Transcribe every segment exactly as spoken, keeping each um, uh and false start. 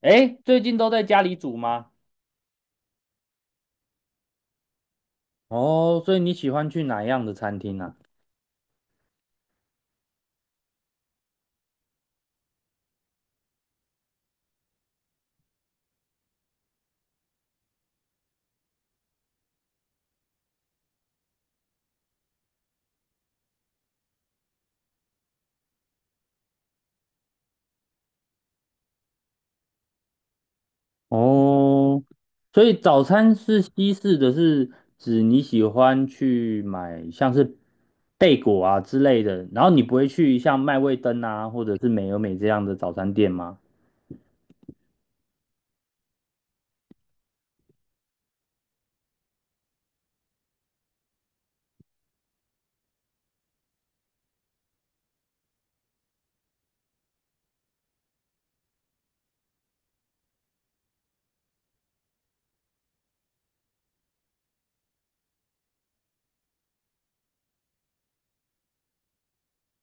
哎，最近都在家里煮吗？哦，所以你喜欢去哪样的餐厅啊？哦，所以早餐是西式的是指你喜欢去买像是贝果啊之类的，然后你不会去像麦味登啊或者是美而美这样的早餐店吗？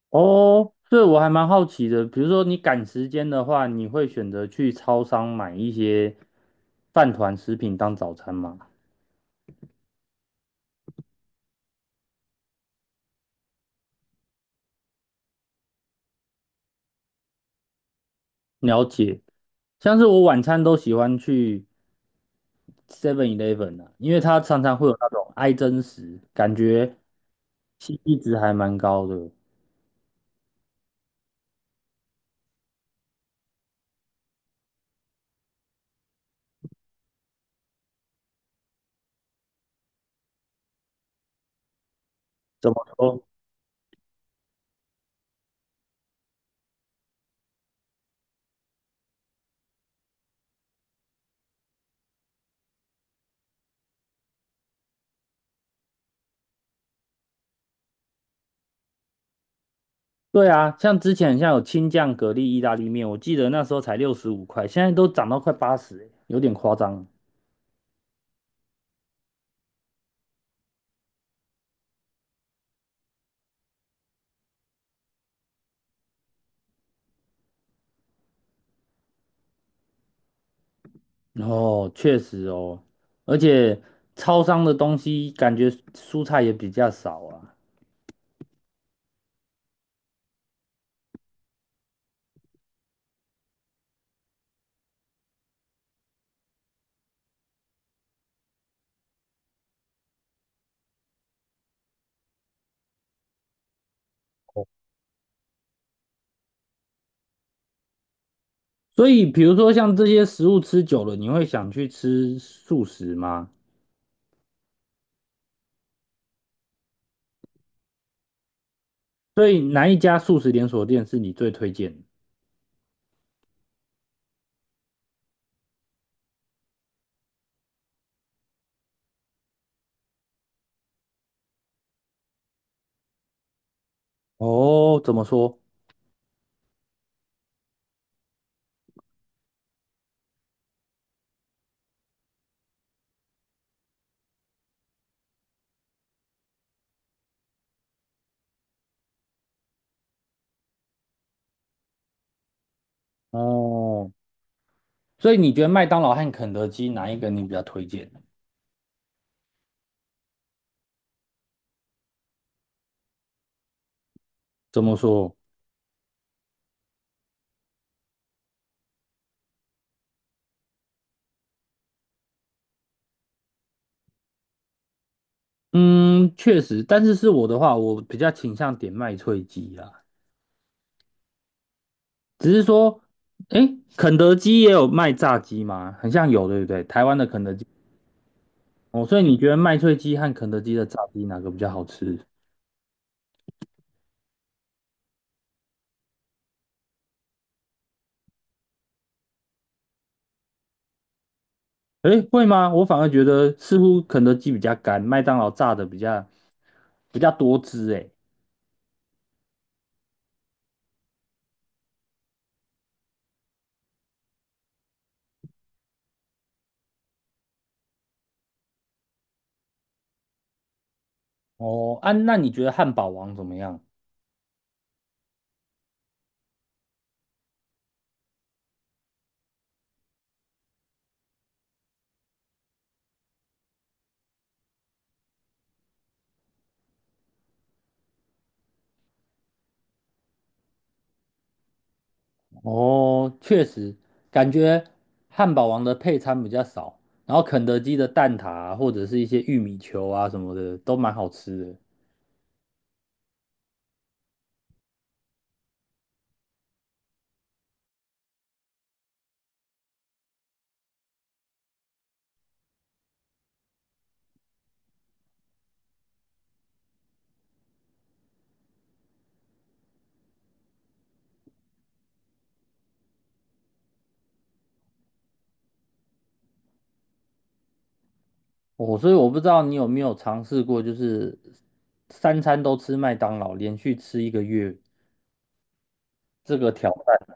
哦，所以我还蛮好奇的，比如说你赶时间的话，你会选择去超商买一些饭团食品当早餐吗？了解，像是我晚餐都喜欢去。Seven Eleven 啊，因为它常常会有那种爱真实，感觉 C P 值还蛮高的。怎么说？对啊，像之前像有青酱蛤蜊意大利面，我记得那时候才六十五块，现在都涨到快八十欸，有点夸张。哦，确实哦，而且超商的东西感觉蔬菜也比较少啊，所以比如说像这些食物吃久了，你会想去吃素食吗？所以哪一家素食连锁店是你最推荐的哦，怎么说？哦，所以你觉得麦当劳和肯德基哪一个你比较推荐？怎么说？嗯，确实，但是是我的话，我比较倾向点麦脆鸡啊。只是说，诶，肯德基也有卖炸鸡吗？很像有，对不对？台湾的肯德基。哦，所以你觉得麦脆鸡和肯德基的炸鸡哪个比较好吃？诶，会吗？我反而觉得似乎肯德基比较干，麦当劳炸的比较比较多汁。诶。哦，啊，那你觉得汉堡王怎么样？哦，确实，感觉汉堡王的配餐比较少，然后肯德基的蛋挞啊或者是一些玉米球啊什么的都蛮好吃的。哦，所以我不知道你有没有尝试过，就是三餐都吃麦当劳，连续吃一个月这个挑战。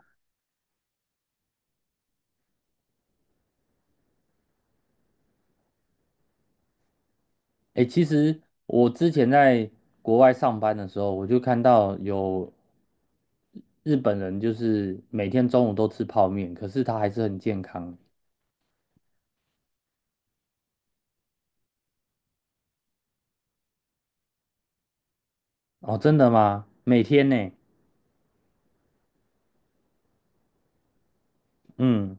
诶，其实我之前在国外上班的时候，我就看到有日本人就是每天中午都吃泡面，可是他还是很健康。哦，真的吗？每天呢？嗯。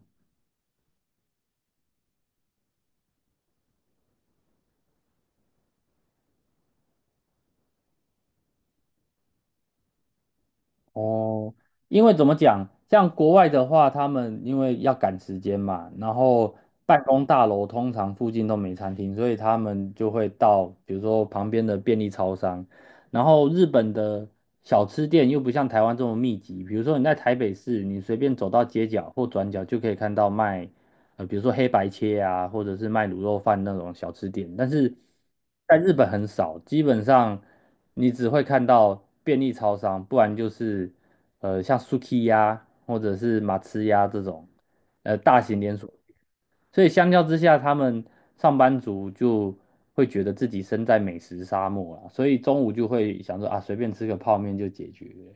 哦，因为怎么讲，像国外的话，他们因为要赶时间嘛，然后办公大楼通常附近都没餐厅，所以他们就会到比如说旁边的便利超商，然后日本的小吃店又不像台湾这么密集，比如说你在台北市，你随便走到街角或转角就可以看到卖呃，比如说黑白切啊，或者是卖卤肉饭那种小吃店，但是在日本很少，基本上你只会看到便利超商，不然就是呃像 Suki 呀，或者是马吃呀这种呃大型连锁。所以相较之下，他们上班族就会觉得自己身在美食沙漠啊，所以中午就会想说啊，随便吃个泡面就解决了。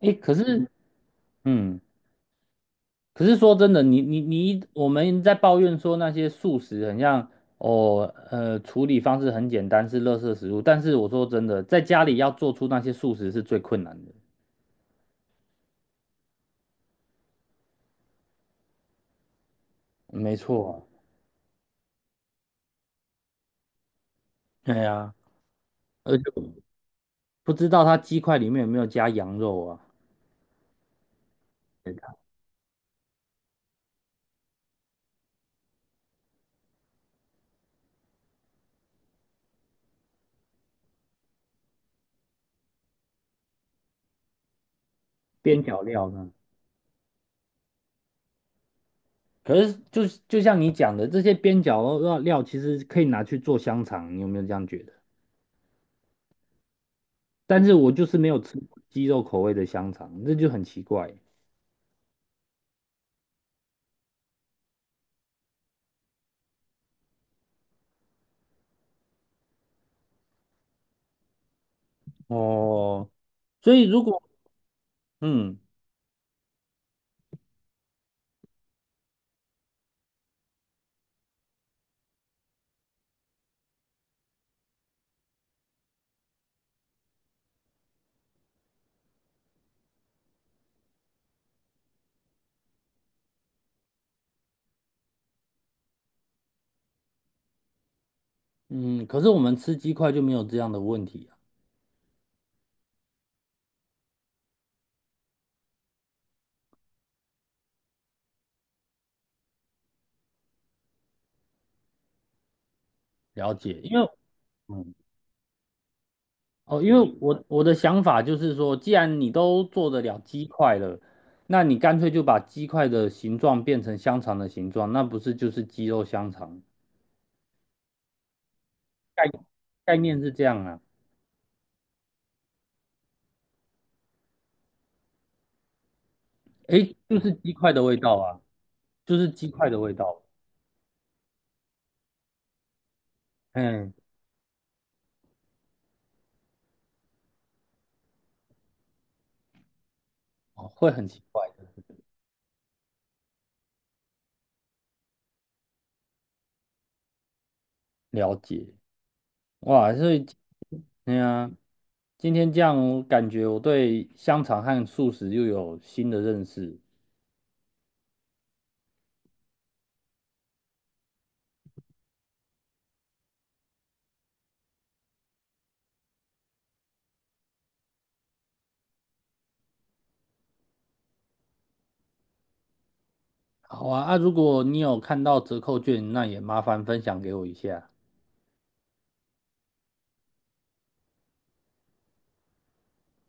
诶，可是嗯。可是说真的，你你你一，我们在抱怨说那些素食很像哦，呃，处理方式很简单，是垃圾食物。但是我说真的，在家里要做出那些素食是最困难的。没错啊，对呀，而且不知道它鸡块里面有没有加羊肉啊，对啊边角料呢？可是就就像你讲的，这些边角料料其实可以拿去做香肠，你有没有这样觉得？但是我就是没有吃过鸡肉口味的香肠，这就很奇怪。哦，所以如果嗯嗯，可是我们吃鸡块就没有这样的问题啊。了解，因为嗯哦，因为我我的想法就是说，既然你都做得了鸡块了，那你干脆就把鸡块的形状变成香肠的形状，那不是就是鸡肉香肠？概概念是这样啊，诶，就是鸡块的味道啊，就是鸡块的味道，嗯，哦会很奇怪的。了解，哇，所以。对呀，今天这样，我感觉我对香肠和素食又有新的认识。好啊，啊，如果你有看到折扣券，那也麻烦分享给我一下。